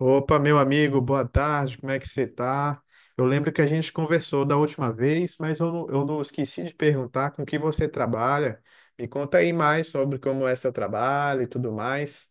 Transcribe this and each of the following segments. Opa, meu amigo, boa tarde, como é que você tá? Eu lembro que a gente conversou da última vez, mas eu não esqueci de perguntar com que você trabalha. Me conta aí mais sobre como é seu trabalho e tudo mais.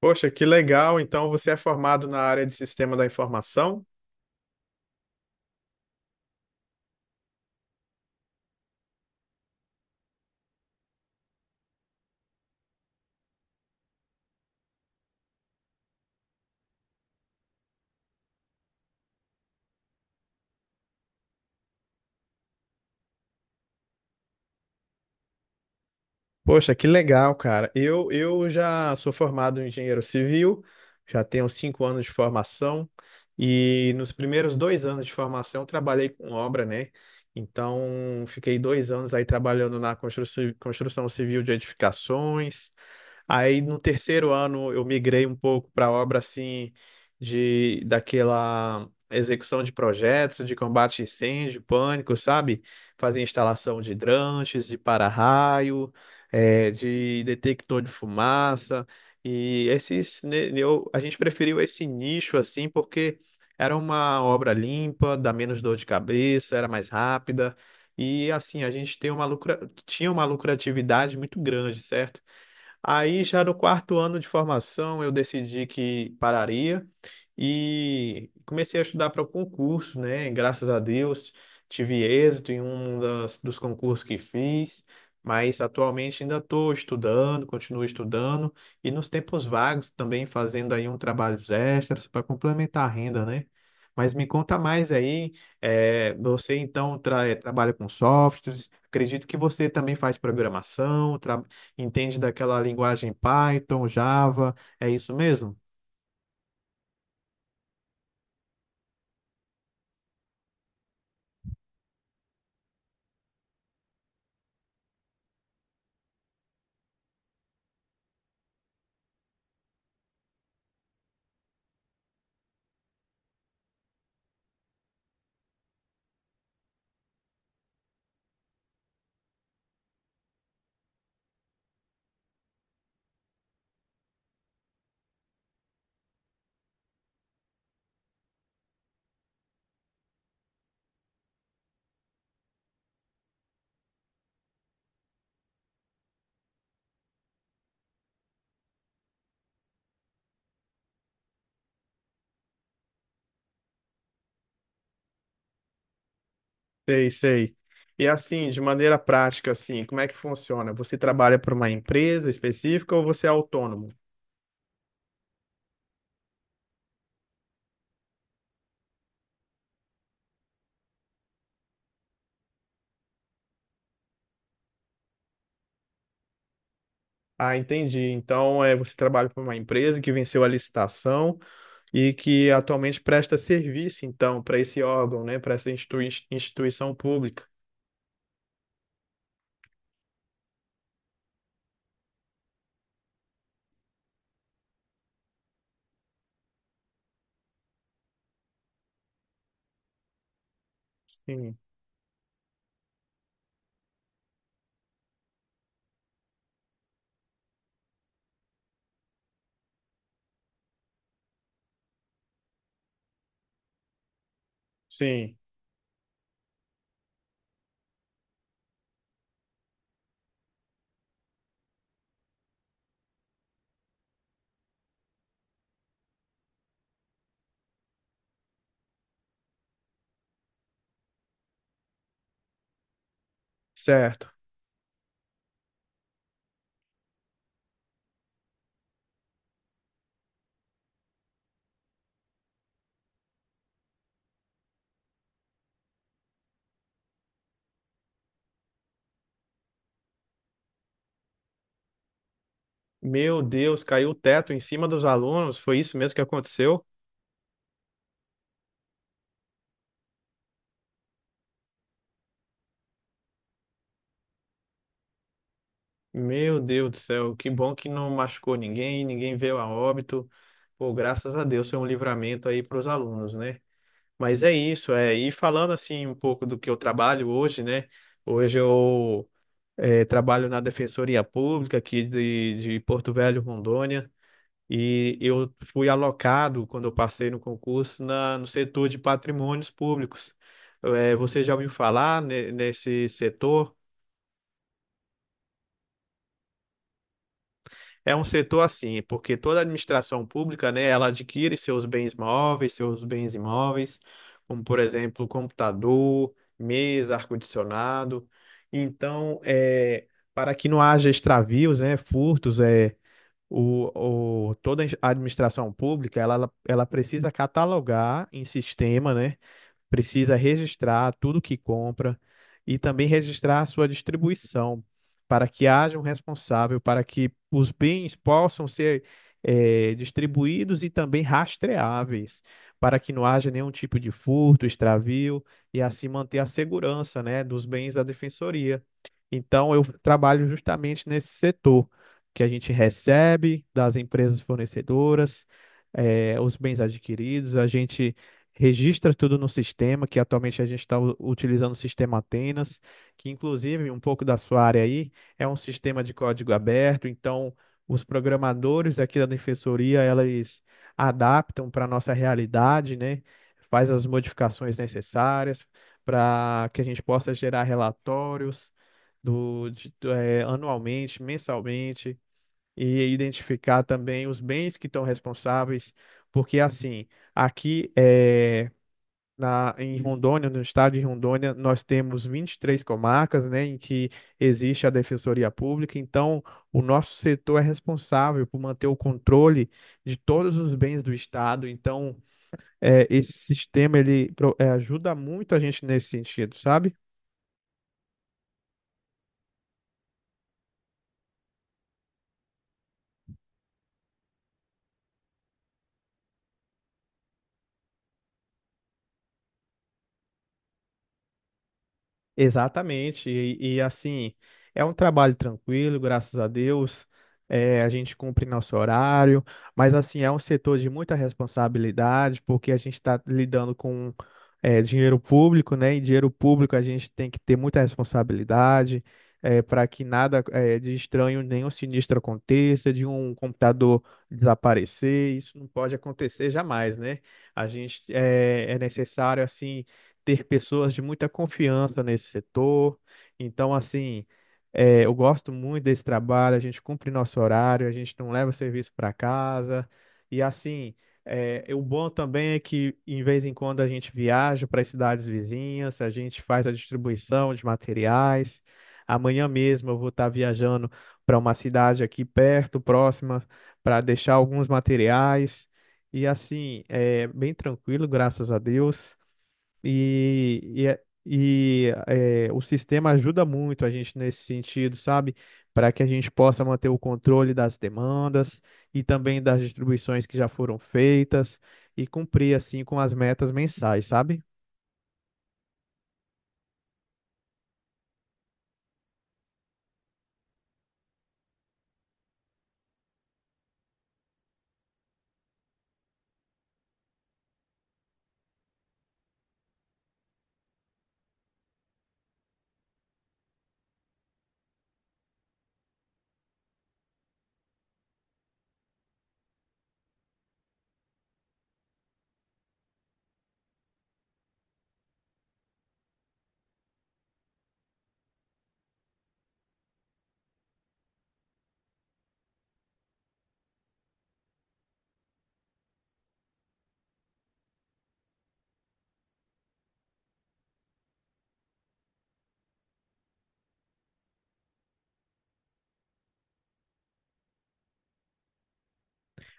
Poxa, que legal! Então você é formado na área de sistema da informação? Poxa, que legal, cara. Eu já sou formado em engenheiro civil, já tenho 5 anos de formação, e nos primeiros 2 anos de formação eu trabalhei com obra, né? Então, fiquei 2 anos aí trabalhando na construção civil de edificações. Aí no terceiro ano eu migrei um pouco para obra assim de daquela execução de projetos de combate a incêndio, pânico, sabe? Fazia instalação de hidrantes, de para-raio, de detector de fumaça e esses né, a gente preferiu esse nicho assim porque era uma obra limpa, dá menos dor de cabeça, era mais rápida e assim a gente tinha uma lucratividade muito grande, certo? Aí, já no quarto ano de formação, eu decidi que pararia e comecei a estudar para o concurso, né? Graças a Deus, tive êxito em dos concursos que fiz, mas atualmente ainda estou estudando, continuo estudando e nos tempos vagos também fazendo aí um trabalho extras para complementar a renda, né? Mas me conta mais aí, você então trabalha com softwares, acredito que você também faz programação. Entende daquela linguagem Python, Java, é isso mesmo? Sei, sei. E assim, de maneira prática, assim, como é que funciona? Você trabalha para uma empresa específica ou você é autônomo? Ah, entendi. Então, é, você trabalha para uma empresa que venceu a licitação e que atualmente presta serviço, então, para esse órgão, né, para essa instituição pública. Sim, sim, certo. Meu Deus, caiu o teto em cima dos alunos, foi isso mesmo que aconteceu? Meu Deus do céu, que bom que não machucou ninguém, ninguém veio a óbito. Pô, graças a Deus, foi um livramento aí para os alunos, né? Mas é isso, é. E falando assim um pouco do que eu trabalho hoje, né? Hoje eu trabalho na Defensoria Pública aqui de Porto Velho, Rondônia, e eu fui alocado, quando eu passei no concurso, no setor de patrimônios públicos. Você já ouviu falar nesse setor? É um setor assim, porque toda a administração pública, né, ela adquire seus bens móveis, seus bens imóveis, como por exemplo, computador, mesa, ar-condicionado. Então, é, para que não haja extravios, né, furtos, é, toda a administração pública, ela precisa catalogar em sistema, né, precisa registrar tudo que compra e também registrar a sua distribuição, para que haja um responsável, para que os bens possam ser distribuídos e também rastreáveis, para que não haja nenhum tipo de furto, extravio e assim manter a segurança, né, dos bens da defensoria. Então, eu trabalho justamente nesse setor que a gente recebe das empresas fornecedoras, os bens adquiridos, a gente registra tudo no sistema, que atualmente a gente está utilizando o sistema Atenas, que inclusive um pouco da sua área aí é um sistema de código aberto, então os programadores aqui da defensoria, eles adaptam para a nossa realidade, né? Faz as modificações necessárias para que a gente possa gerar relatórios do, de- do, eh, anualmente, mensalmente, e identificar também os bens que estão responsáveis, porque assim, aqui é, em Rondônia, no estado de Rondônia, nós temos 23 comarcas, né, em que existe a Defensoria Pública. Então, o nosso setor é responsável por manter o controle de todos os bens do estado. Então, é, esse sistema ele ajuda muito a gente nesse sentido, sabe? Exatamente, assim, é um trabalho tranquilo, graças a Deus, é, a gente cumpre nosso horário, mas assim, é um setor de muita responsabilidade, porque a gente está lidando com dinheiro público, né? E dinheiro público a gente tem que ter muita responsabilidade para que nada de estranho, nenhum sinistro aconteça, de um computador desaparecer, isso não pode acontecer jamais, né? A gente é necessário, assim ter pessoas de muita confiança nesse setor. Então, assim, eu gosto muito desse trabalho, a gente cumpre nosso horário, a gente não leva serviço para casa. E, assim, o bom também é que, em vez em quando, a gente viaja para as cidades vizinhas, a gente faz a distribuição de materiais. Amanhã mesmo eu vou estar viajando para uma cidade aqui perto, próxima, para deixar alguns materiais. E assim, é bem tranquilo, graças a Deus. E, o sistema ajuda muito a gente nesse sentido, sabe? Para que a gente possa manter o controle das demandas e também das distribuições que já foram feitas e cumprir, assim, com as metas mensais, sabe?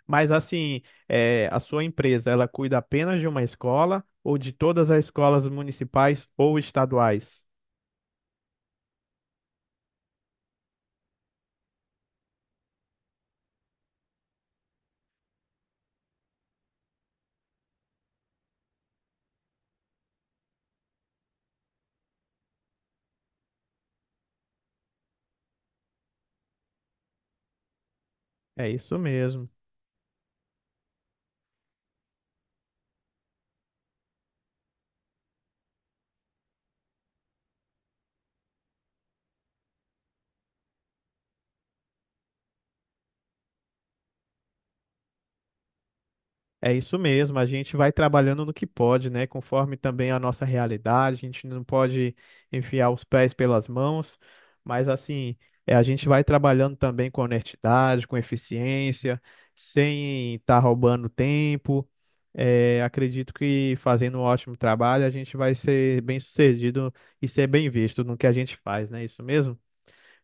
Mas, assim, a sua empresa, ela cuida apenas de uma escola ou de todas as escolas municipais ou estaduais? É isso mesmo. É isso mesmo, a gente vai trabalhando no que pode, né? Conforme também a nossa realidade, a gente não pode enfiar os pés pelas mãos, mas assim, a gente vai trabalhando também com honestidade, com eficiência, sem estar roubando tempo. É, acredito que fazendo um ótimo trabalho, a gente vai ser bem sucedido e ser bem visto no que a gente faz, né? é Isso mesmo?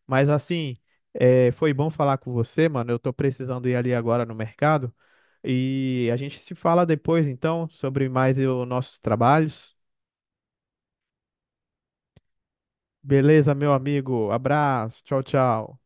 Mas assim, foi bom falar com você, mano. Eu tô precisando ir ali agora no mercado. E a gente se fala depois, então, sobre mais os nossos trabalhos. Beleza, meu amigo. Abraço. Tchau, tchau.